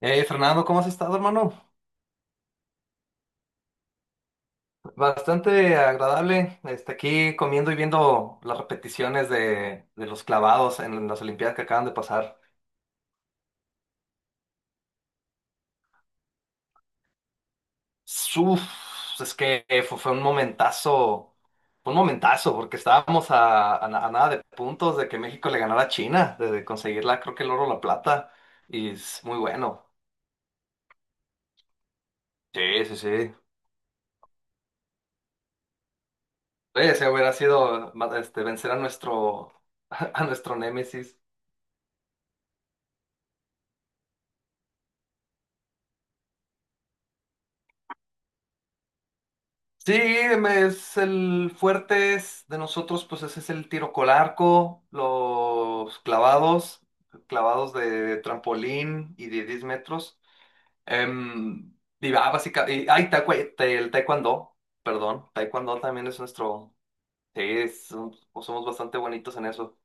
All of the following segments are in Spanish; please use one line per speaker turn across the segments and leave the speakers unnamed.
Fernando, ¿cómo has estado, hermano? Bastante agradable. Aquí comiendo y viendo las repeticiones de los clavados en las Olimpiadas que acaban de pasar. Uf, es que fue un momentazo, fue un momentazo, porque estábamos a nada de puntos de que México le ganara a China, de conseguirla, creo que el oro o la plata, y es muy bueno. Sí, sí, sí. Ese hubiera sido vencer a nuestro, a nuestro némesis. Sí, es el fuerte de nosotros, pues ese es el tiro con arco, los clavados, clavados de trampolín y de 10 metros. Em, y básicamente, el taekwondo, perdón, taekwondo también es nuestro, sí, somos bastante bonitos en eso.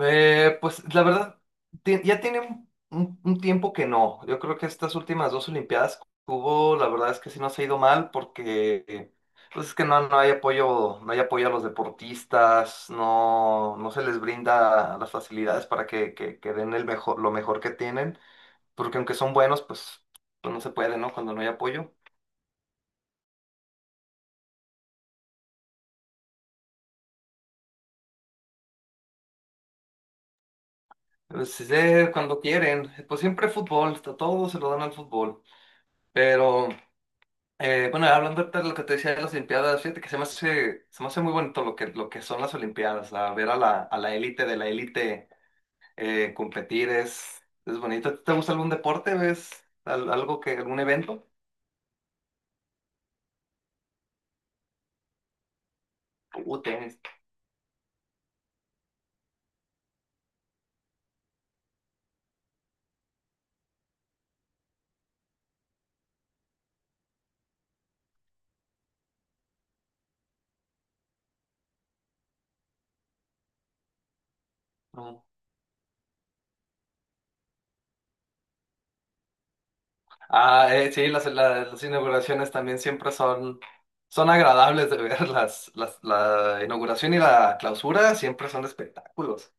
Pues la verdad, ya tiene un tiempo que no. Yo creo que estas últimas dos Olimpiadas que hubo, la verdad es que sí nos ha ido mal porque pues es que no hay apoyo, no hay apoyo a los deportistas, no se les brinda las facilidades para que den el mejor, lo mejor que tienen, porque aunque son buenos, pues no se puede, ¿no? Cuando no hay apoyo. Pues, cuando quieren, pues siempre fútbol, todo se lo dan al fútbol, pero... Bueno, hablando ahorita de lo que te decía de las Olimpiadas, fíjate que se me hace muy bonito lo que son las Olimpiadas, a ver a la élite de la élite competir es bonito. ¿Te gusta algún deporte? ¿Ves algo algún evento? Tenis. No. Sí, las inauguraciones también siempre son agradables de ver. La inauguración y la clausura siempre son espectáculos.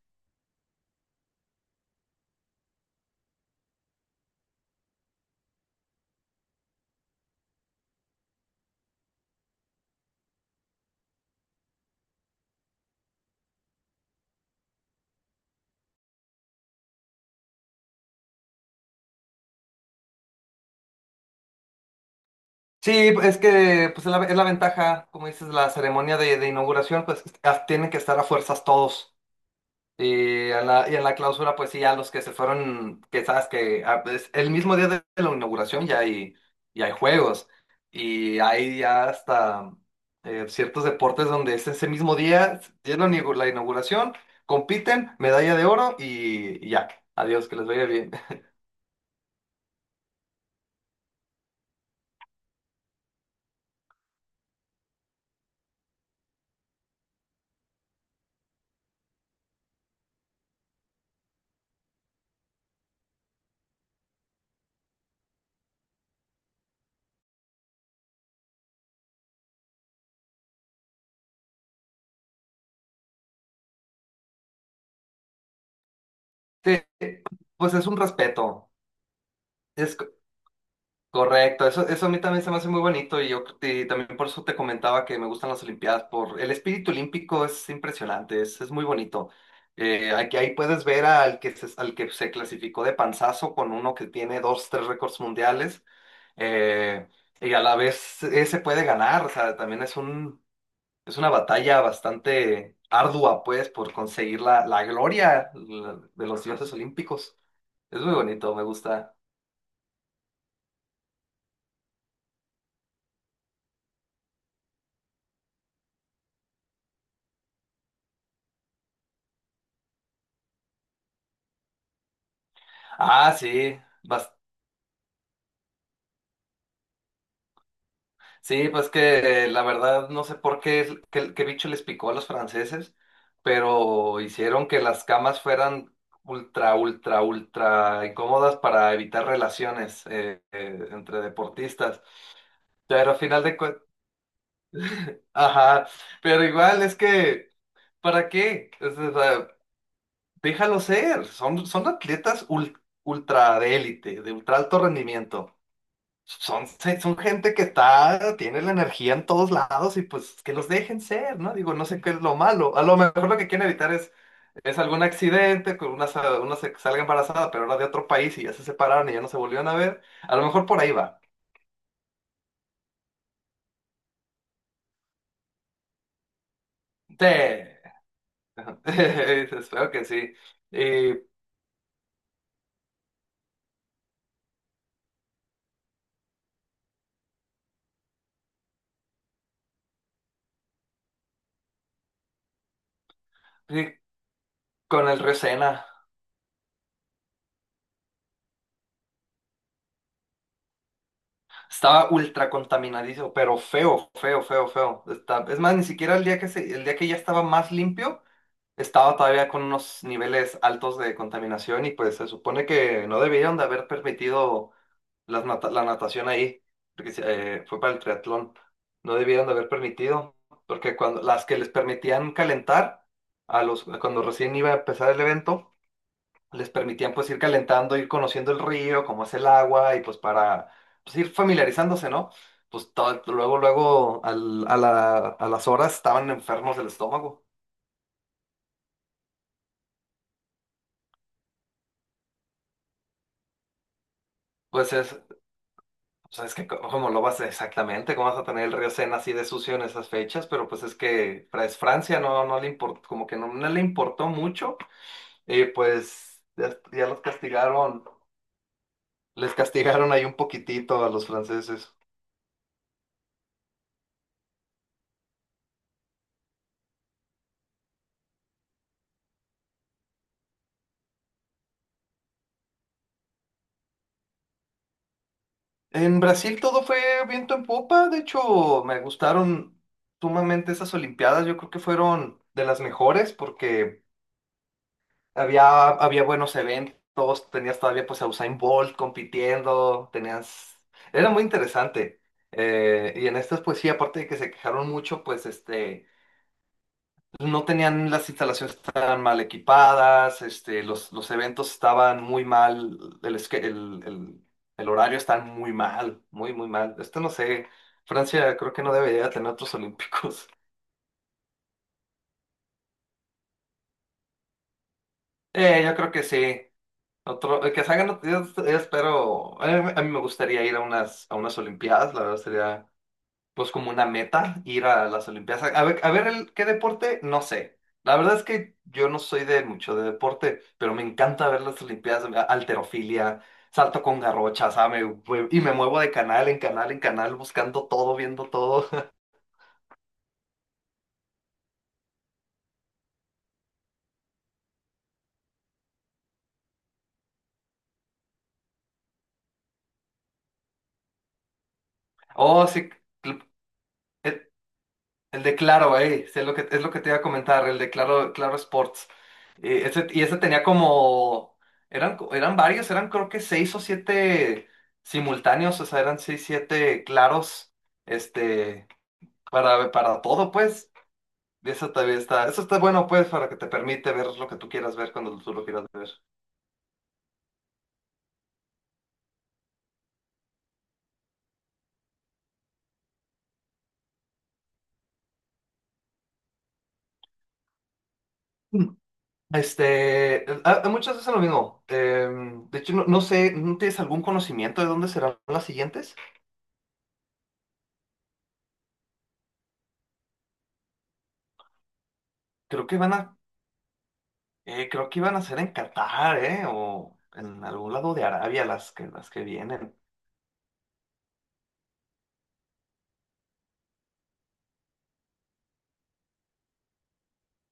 Sí, es que pues es la ventaja, como dices, la ceremonia de inauguración, pues tienen que estar a fuerzas todos. Y en la clausura, pues sí, a los que se fueron, que sabes que pues, el mismo día de la inauguración ya hay juegos y hay ya hasta ciertos deportes donde es ese mismo día, ya la inauguración, compiten, medalla de oro y ya, adiós, que les vaya bien. Sí, pues es un respeto. Es Correcto, eso a mí también se me hace muy bonito y yo y también por eso te comentaba que me gustan las Olimpiadas, por el espíritu olímpico es impresionante, es muy bonito. Aquí ahí puedes ver al que se clasificó de panzazo con uno que tiene dos, tres récords mundiales eh, y a la vez ese puede ganar, o sea, también es una batalla bastante ardua pues por conseguir la gloria de los dioses olímpicos. Es muy bonito, me gusta. Ah, sí. Sí, pues que la verdad no sé por qué, qué bicho les picó a los franceses, pero hicieron que las camas fueran ultra, ultra, ultra incómodas para evitar relaciones entre deportistas. Pero al final de cuentas, ajá, pero igual es que, ¿para qué? Déjalo ser, son atletas ultra de élite, de ultra alto rendimiento. Son gente que está, tiene la energía en todos lados y pues que los dejen ser, ¿no? Digo, no sé qué es lo malo. A lo mejor lo que quieren evitar es, algún accidente, que una se salga embarazada, pero era de otro país y ya se separaron y ya no se volvieron a ver. A lo mejor por ahí va. Sí. Espero que sí. Y, y con el Río. Estaba ultra contaminadísimo, pero feo, feo, feo, feo. Es más, ni siquiera el día que ya estaba más limpio. Estaba todavía con unos niveles altos de contaminación y pues se supone que no debieron de haber permitido la natación ahí, porque fue para el triatlón, no debieron de haber permitido, porque cuando las que les permitían calentar, cuando recién iba a empezar el evento, les permitían pues ir calentando, ir conociendo el río, cómo es el agua y pues para pues, ir familiarizándose, ¿no? Luego, luego a las horas estaban enfermos del estómago. Pues es, O sea, es que cómo lo vas exactamente, cómo vas a tener el río Sena así de sucio en esas fechas, pero pues es que es Francia no le importó, como que no le importó mucho, y pues ya, ya los castigaron, les castigaron ahí un poquitito a los franceses. En Brasil todo fue viento en popa, de hecho me gustaron sumamente esas Olimpiadas, yo creo que fueron de las mejores porque había buenos eventos, tenías todavía pues a Usain Bolt compitiendo, tenías... Era muy interesante. Y en estas pues sí, aparte de que se quejaron mucho, pues no tenían las instalaciones tan mal equipadas, los eventos estaban muy mal, el, esque- el horario está muy mal, muy, muy mal. Esto no sé, Francia creo que no debería tener otros olímpicos. Yo creo que sí. Otro, que se hagan, yo espero, a mí me gustaría ir a unas Olimpiadas, la verdad sería pues como una meta ir a las Olimpiadas. A ver qué deporte, no sé. La verdad es que yo no soy de mucho de deporte, pero me encanta ver las Olimpiadas, alterofilia, salto con garrocha, ¿sabes? Y me muevo de canal en canal en canal buscando todo, viendo todo. Oh, sí, cl- el de Claro, ahí, sí, es lo que, te iba a comentar, el de Claro, Claro Sports. Y ese tenía como, eran varios, eran creo que seis o siete simultáneos, o sea, eran seis, siete claros, este, para, todo, pues. Y eso también está, eso está bueno, pues, para que te permite ver lo que tú quieras ver cuando tú lo quieras ver. Mm. A muchas veces lo mismo. De hecho, no sé, ¿no tienes algún conocimiento de dónde serán las siguientes? Creo que van a Creo que iban a ser en Qatar, ¿eh? O en algún lado de Arabia las que vienen.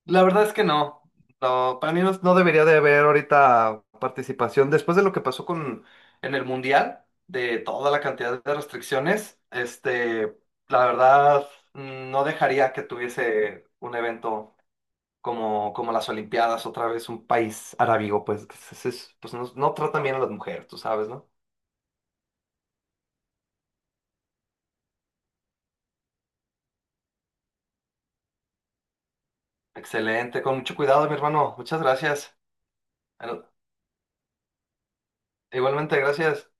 La verdad es que no. No, para mí no debería de haber ahorita participación. Después de lo que pasó con en el Mundial, de toda la cantidad de restricciones, la verdad no dejaría que tuviese un evento como las Olimpiadas, otra vez un país arábigo, pues, que pues no tratan bien a las mujeres, tú sabes, ¿no? Excelente, con mucho cuidado, mi hermano. Muchas gracias. Igualmente, gracias.